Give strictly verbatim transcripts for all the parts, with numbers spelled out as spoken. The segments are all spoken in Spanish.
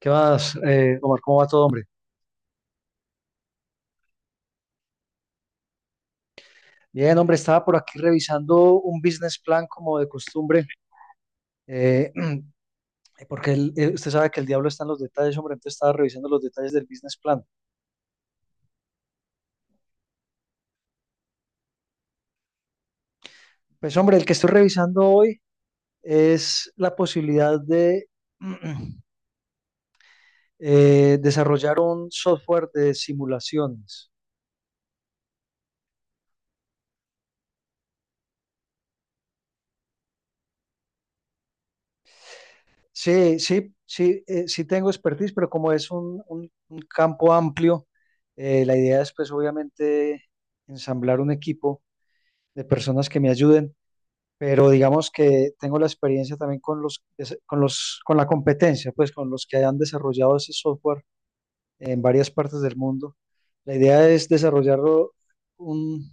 ¿Qué más, eh, Omar? ¿Cómo va todo, hombre? Bien, hombre, estaba por aquí revisando un business plan como de costumbre, eh, porque el- eh, usted sabe que el diablo está en los detalles, hombre, entonces estaba revisando los detalles del business plan. Pues, hombre, el que estoy revisando hoy es la posibilidad de eh, desarrollar un software de simulaciones. Sí, sí, sí, eh, sí tengo expertise, pero como es un, un- un campo amplio, eh, la idea es, pues, obviamente, ensamblar un equipo de personas que me ayuden, pero digamos que tengo la experiencia también con los, con los, con la competencia, pues con los que hayan desarrollado ese software en varias partes del mundo. La idea es desarrollar un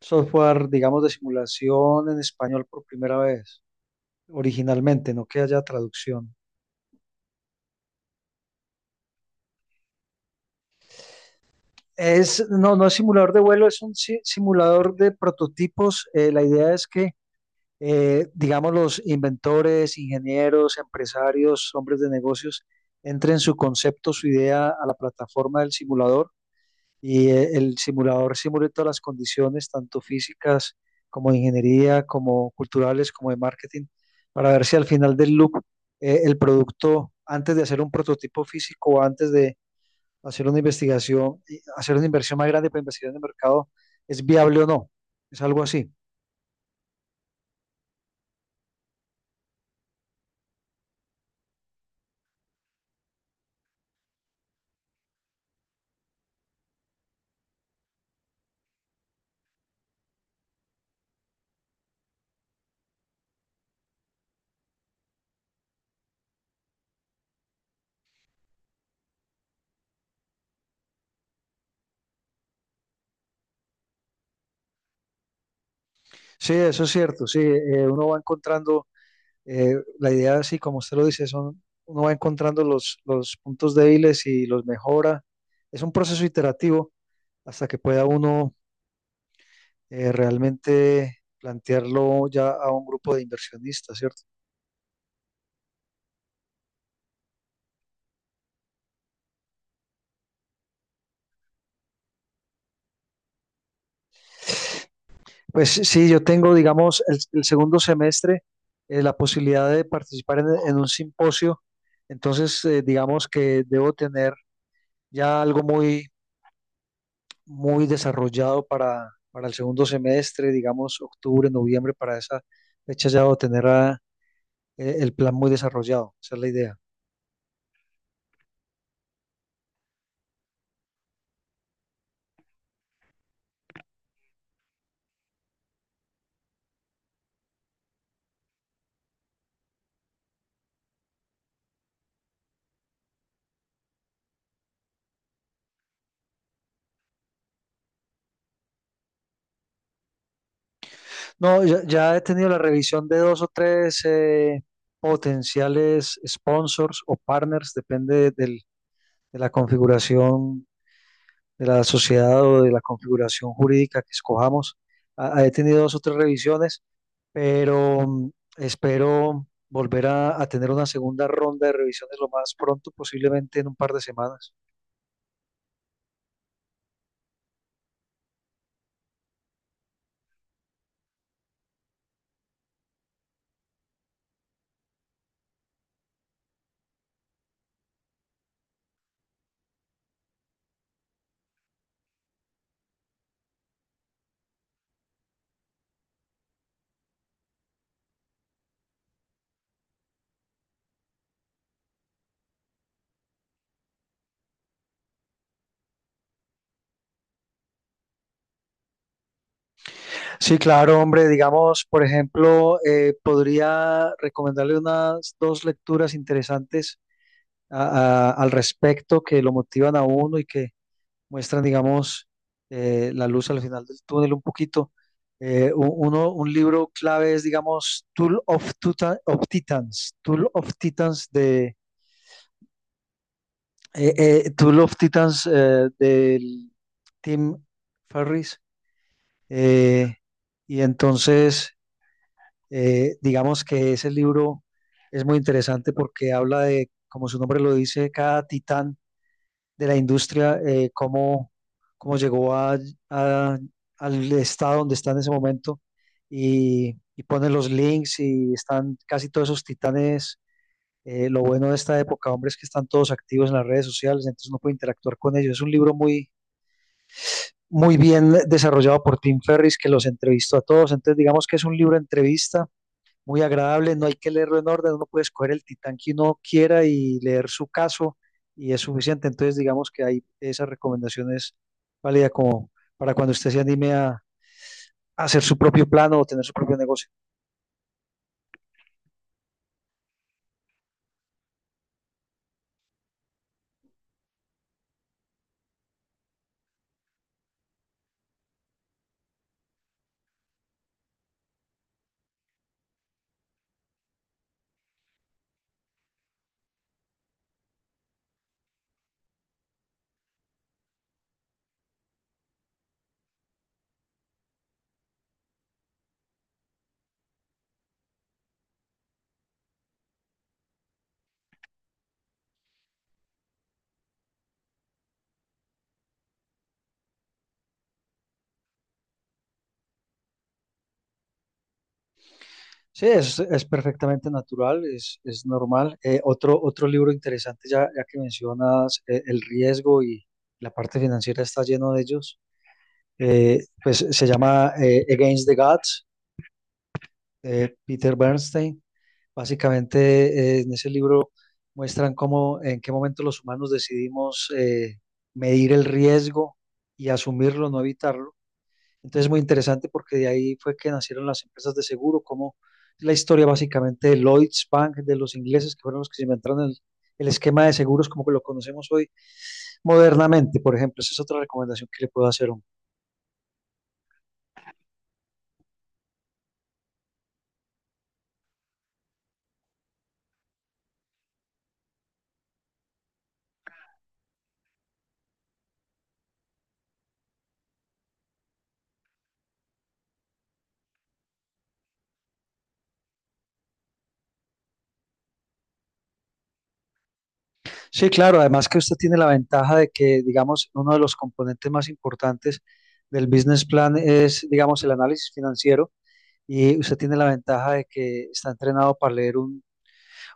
software, digamos, de simulación en español por primera vez, originalmente, no que haya traducción. Es, no, no es simulador de vuelo, es un si- simulador de prototipos. Eh, la idea es que eh, digamos, los inventores, ingenieros, empresarios, hombres de negocios, entren su concepto, su idea a la plataforma del simulador y eh, el simulador simule todas las condiciones, tanto físicas como de ingeniería, como culturales, como de marketing, para ver si al final del loop eh, el producto, antes de hacer un prototipo físico o antes de hacer una investigación, y hacer una inversión más grande para investigar en el mercado, es viable o no. Es algo así. Sí, eso es cierto, sí, eh, uno va encontrando, eh, la idea, sí, como usted lo dice, son, uno va encontrando los, los puntos débiles y los mejora. Es un proceso iterativo hasta que pueda uno eh, realmente plantearlo ya a un grupo de inversionistas, ¿cierto? Pues sí, yo tengo, digamos, el, el segundo semestre eh, la posibilidad de participar en, en un simposio, entonces eh, digamos que debo tener ya algo muy muy desarrollado para, para el segundo semestre, digamos octubre, noviembre, para esa fecha ya debo tener ah, eh, el plan muy desarrollado, esa es la idea. No, ya, ya he tenido la revisión de dos o tres eh, potenciales sponsors o partners, depende del- de la configuración de la sociedad o de la configuración jurídica que escojamos. Ah, he tenido dos o tres revisiones, pero mm, espero volver a, a tener una segunda ronda de revisiones lo más pronto, posiblemente en un par de semanas. Sí, claro, hombre, digamos, por ejemplo, eh, podría recomendarle unas dos lecturas interesantes a- a- al respecto que lo motivan a uno y que muestran, digamos, eh, la luz al final del túnel un poquito. Eh, u- uno, un libro clave es, digamos, Tool of, Tuta- of Titans, Tool of Titans de eh, eh, Tool of Titans eh, del Tim Ferris. Eh, y entonces, eh, digamos que ese libro es muy interesante porque habla de, como su nombre lo dice, cada titán de la industria, eh, cómo, cómo llegó a, a- al estado donde está en ese momento y, y pone los links y están casi todos esos titanes. Eh, lo bueno de esta época, hombre, es que están todos activos en las redes sociales, entonces uno puede interactuar con ellos. Es un libro muy, muy bien desarrollado por Tim Ferris, que los entrevistó a todos. Entonces, digamos que es un libro de entrevista muy agradable, no hay que leerlo en orden, uno puede escoger el titán que uno quiera y leer su caso y es suficiente. Entonces, digamos que hay esas recomendaciones válidas como para cuando usted se anime a, a hacer su propio plano o tener su propio negocio. Sí, es, es perfectamente natural, es, es normal. Eh, otro, otro libro interesante, ya, ya que mencionas eh, el riesgo y la parte financiera está lleno de ellos, eh, pues se llama eh, Against the Gods, de Peter Bernstein. Básicamente, eh, en ese libro muestran cómo, en qué momento los humanos decidimos eh, medir el riesgo y asumirlo, no evitarlo. Entonces, es muy interesante porque de ahí fue que nacieron las empresas de seguro, como la historia básicamente de Lloyds Bank, de los ingleses, que fueron los que se inventaron el, el esquema de seguros como que lo conocemos hoy modernamente, por ejemplo. Esa es otra recomendación que le puedo hacer. Sí, claro, además que usted tiene la ventaja de que, digamos, uno de los componentes más importantes del business plan es, digamos, el análisis financiero y usted tiene la ventaja de que está entrenado para leer un,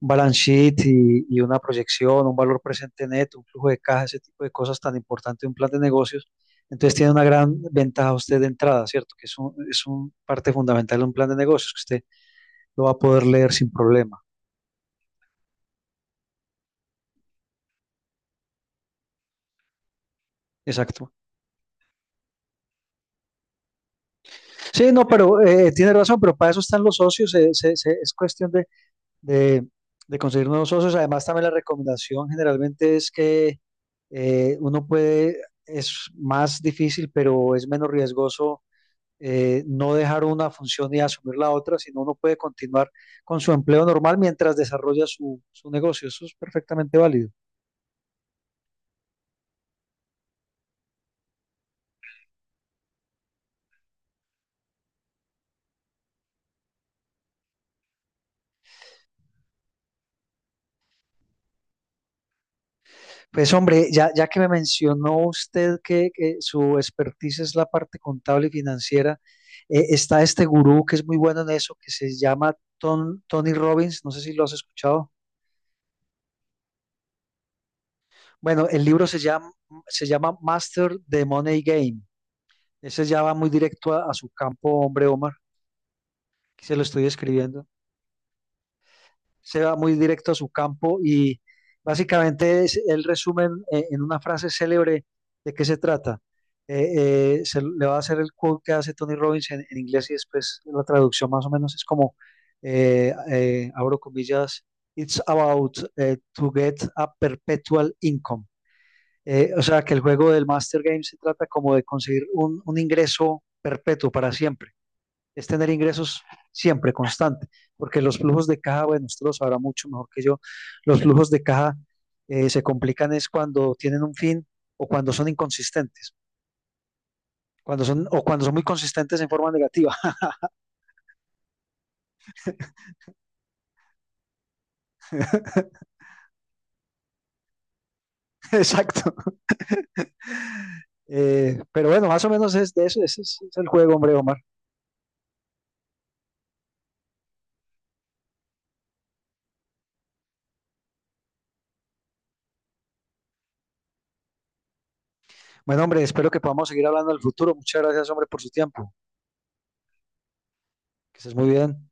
un balance sheet y, y una proyección, un valor presente neto, un flujo de caja, ese tipo de cosas tan importantes de un plan de negocios. Entonces tiene una gran ventaja usted de entrada, ¿cierto? Que es un, es un parte fundamental de un plan de negocios que usted lo va a poder leer sin problema. Exacto. Sí, no, pero eh, tiene razón, pero para eso están los socios, eh, se- se- es cuestión de, de- de conseguir nuevos socios. Además, también la recomendación generalmente es que eh, uno puede, es más difícil, pero es menos riesgoso eh, no dejar una función y asumir la otra, sino uno puede continuar con su empleo normal mientras desarrolla su, su negocio. Eso es perfectamente válido. Pues hombre, ya, ya que me mencionó usted que, que su expertise es la parte contable y financiera, eh, está este gurú que es muy bueno en eso, que se llama Ton- Tony Robbins, no sé si lo has escuchado. Bueno, el libro se llama, se llama Master the Money Game. Ese ya va muy directo a, a su campo, hombre, Omar, que se lo estoy escribiendo. Se va muy directo a su campo y básicamente es, él resume en, en una frase célebre de qué se trata. Eh, eh, se, le va a hacer el quote que hace Tony Robbins en, en inglés y después la traducción más o menos es como, eh, eh, abro comillas, it's about eh, to get a perpetual income. Eh, o sea, que el juego del Master Game se trata como de conseguir un, un ingreso perpetuo para siempre es tener ingresos siempre constante, porque los flujos de caja, bueno, usted lo sabrá mucho mejor que yo, los flujos de caja eh, se complican es cuando tienen un fin o cuando son inconsistentes, cuando son o cuando son muy consistentes en forma negativa. Exacto. Eh, pero bueno, más o menos es de eso, ese es, es, el juego, hombre, Omar. Bueno, hombre, espero que podamos seguir hablando del futuro. Muchas gracias, hombre, por su tiempo. Que estés muy bien.